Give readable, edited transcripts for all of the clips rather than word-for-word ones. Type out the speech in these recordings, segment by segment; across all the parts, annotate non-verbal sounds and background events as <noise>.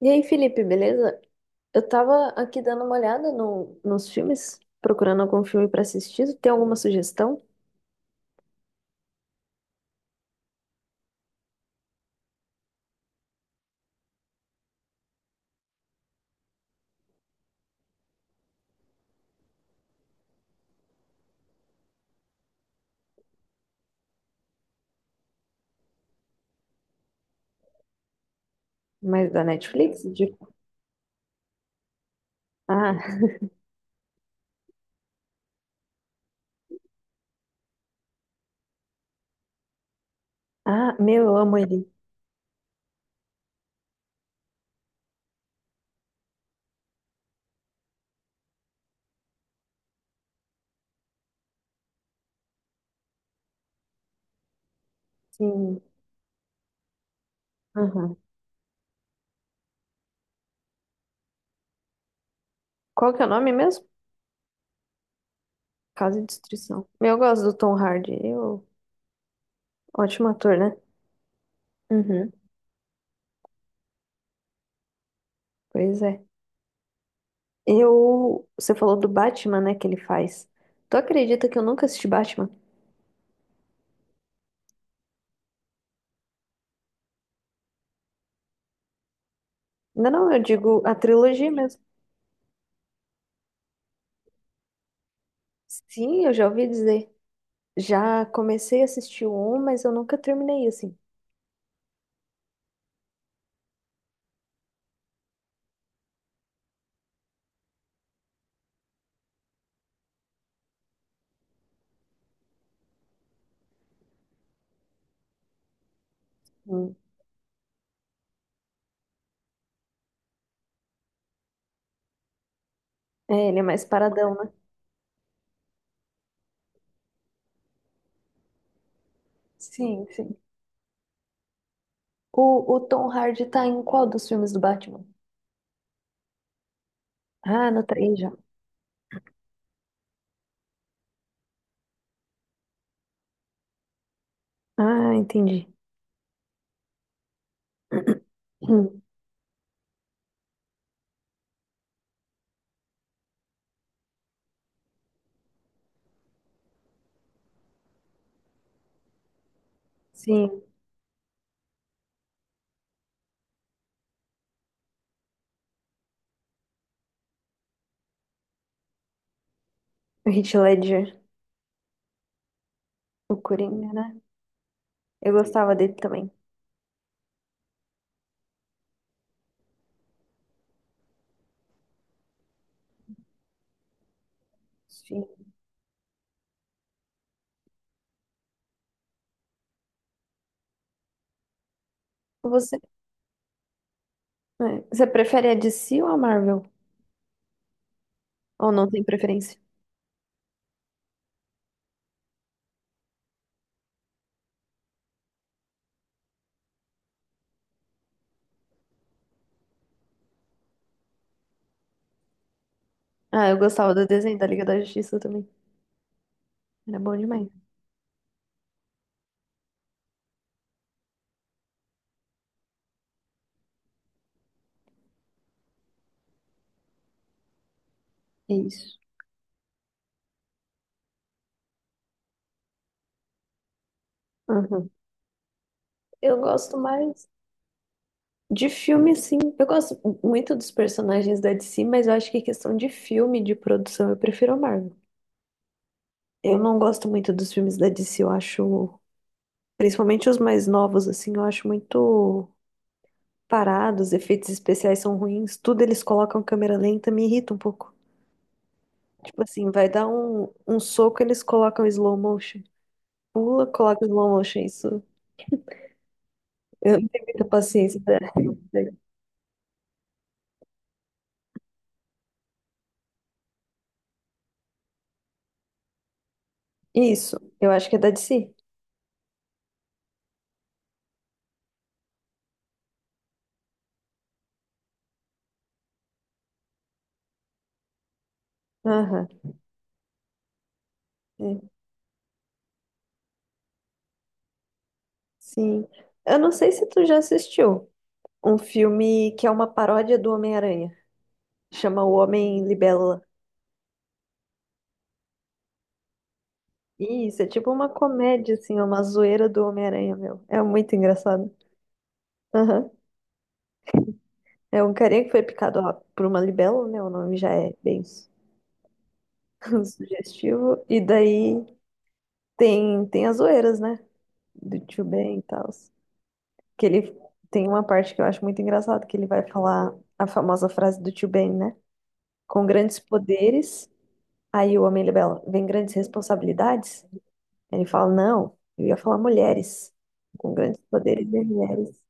E aí, Felipe, beleza? Eu tava aqui dando uma olhada nos filmes, procurando algum filme pra assistir. Tem alguma sugestão? Mais da Netflix? De- Ah, <laughs> ah, meu, eu amo ele. Sim. Aham. Qual que é o nome mesmo? Casa de Destruição. Meu, eu gosto do Tom Hardy. Eu... Ótimo ator, né? Uhum. Pois é. Eu... Você falou do Batman, né, que ele faz. Tu acredita que eu nunca assisti Batman? Não, não, eu digo a trilogia mesmo. Sim, eu já ouvi dizer. Já comecei a assistir o 1, mas eu nunca terminei assim. Hum. É, ele é mais paradão, né? Sim, sim. O Tom Hardy tá em qual dos filmes do Batman? Ah, no três já. Ah, entendi. Hum. Sim, o Heath Ledger, o Coringa, né? Eu gostava dele também. Sim. Você, você prefere a DC ou a Marvel? Ou não tem preferência? Ah, eu gostava do desenho da Liga da Justiça também. Era bom demais. É isso. Uhum. Eu gosto mais. De filme, sim. Eu gosto muito dos personagens da DC, mas eu acho que questão de filme, de produção, eu prefiro a Marvel. Eu não gosto muito dos filmes da DC, eu acho, principalmente os mais novos, assim, eu acho muito parados, os efeitos especiais são ruins, tudo eles colocam câmera lenta, me irrita um pouco. Tipo assim, vai dar um soco, eles colocam slow motion. Pula, coloca slow motion, isso. Eu não tenho muita paciência. Pra- <laughs> Isso, eu acho que é da DC. Aham. É. Sim. Eu não sei se tu já assistiu um filme que é uma paródia do Homem-Aranha. Chama O Homem Libélula. Isso, é tipo uma comédia, assim, é uma zoeira do Homem-Aranha, meu. É muito engraçado. Aham. É um carinha que foi picado ó, por uma libélula, né? O nome já é bem su- <laughs> sugestivo. E daí tem as zoeiras, né? Do Tio Ben e tal. Que ele tem uma parte que eu acho muito engraçada, que ele vai falar a famosa frase do Tio Ben, né? Com grandes poderes. Aí o homem libela, vem grandes responsabilidades? Ele fala, não, eu ia falar mulheres. Com grandes poderes vem mulheres.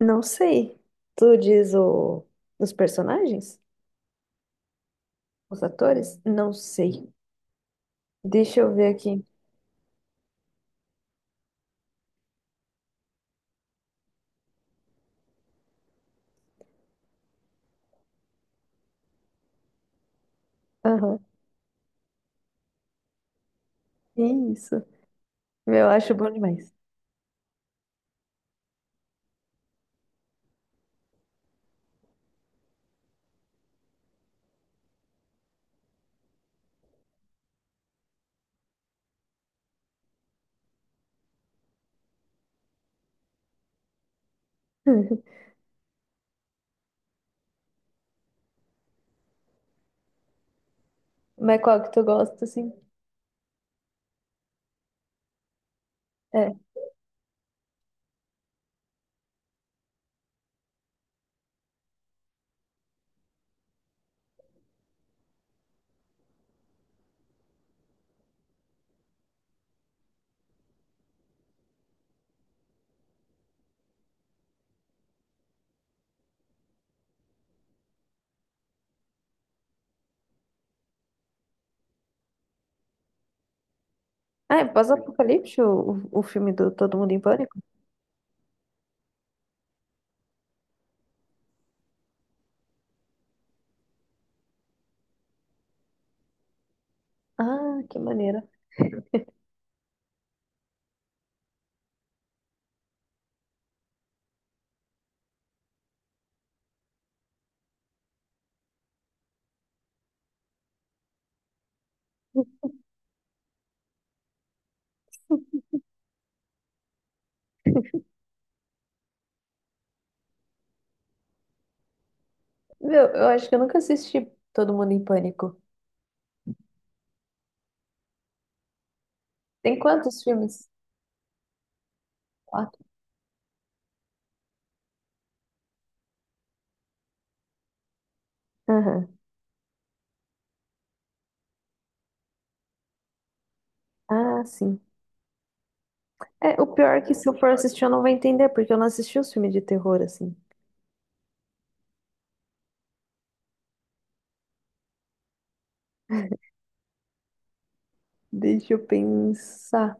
Não sei. Tu diz o... os personagens? Os atores? Não sei. Deixa eu ver aqui. Aham, isso. Meu, eu acho bom demais. <laughs> Mas qual que tu gosta, assim? É. Ah, é pós-apocalipse, o filme do Todo Mundo em Pânico? Ah, que maneira. Meu, eu acho que eu nunca assisti Todo Mundo em Pânico. Tem quantos filmes? Quatro. Aham. Ah, sim. É, o pior é que se eu for assistir, eu não vou entender, porque eu não assisti os filmes de terror, assim. Deixa eu pensar.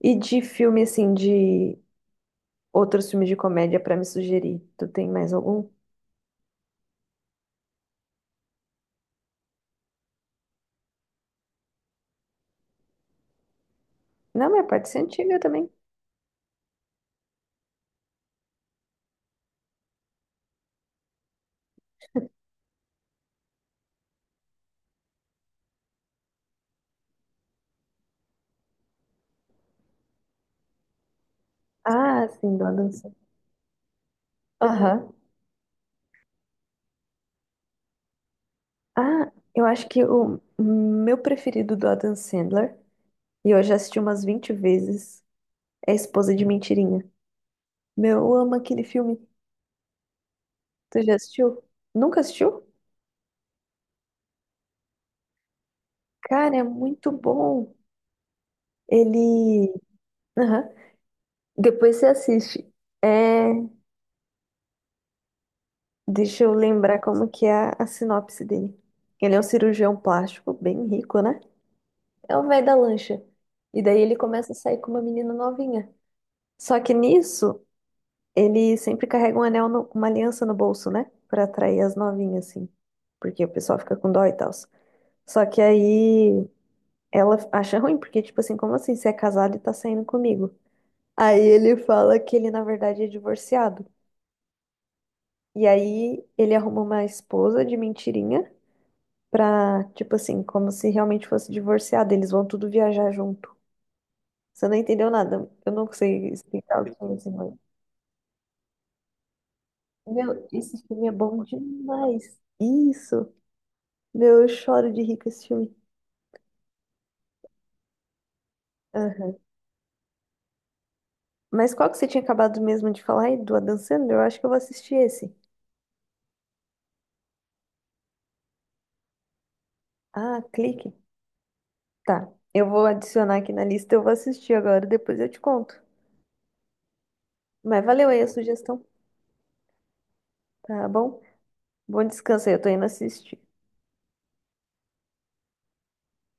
E de filme, assim, de outros filmes de comédia pra me sugerir, tu tem mais algum? Não, mas pode ser antiga também. Ah, sim, do Adam Sandler. Aham. Ah, eu acho que o meu preferido do Adam Sandler, e eu já assisti umas 20 vezes, é Esposa de Mentirinha. Meu, eu amo aquele filme. Tu já assistiu? Nunca assistiu? Cara, é muito bom. Ele... Aham. Depois você assiste. É, deixa eu lembrar como que é a sinopse dele. Ele é um cirurgião plástico bem rico, né? É o velho da lancha. E daí ele começa a sair com uma menina novinha. Só que nisso, ele sempre carrega um anel, uma aliança no bolso, né? Pra atrair as novinhas, assim. Porque o pessoal fica com dó e tal. Só que aí ela acha ruim, porque, tipo assim, como assim? Você é casado e tá saindo comigo? Aí ele fala que ele, na verdade, é divorciado. E aí ele arruma uma esposa de mentirinha pra, tipo assim, como se realmente fosse divorciado. Eles vão tudo viajar junto. Você não entendeu nada. Eu não sei explicar o que é esse filme. Meu, esse filme é bom demais. Isso. Meu, eu choro de rir com esse filme. Aham. Mas qual que você tinha acabado mesmo de falar aí do Adam Sandler? Eu acho que eu vou assistir esse. Ah, clique. Tá. Eu vou adicionar aqui na lista, eu vou assistir agora, depois eu te conto. Mas valeu aí a sugestão, tá bom? Bom descanso aí, eu tô indo assistir.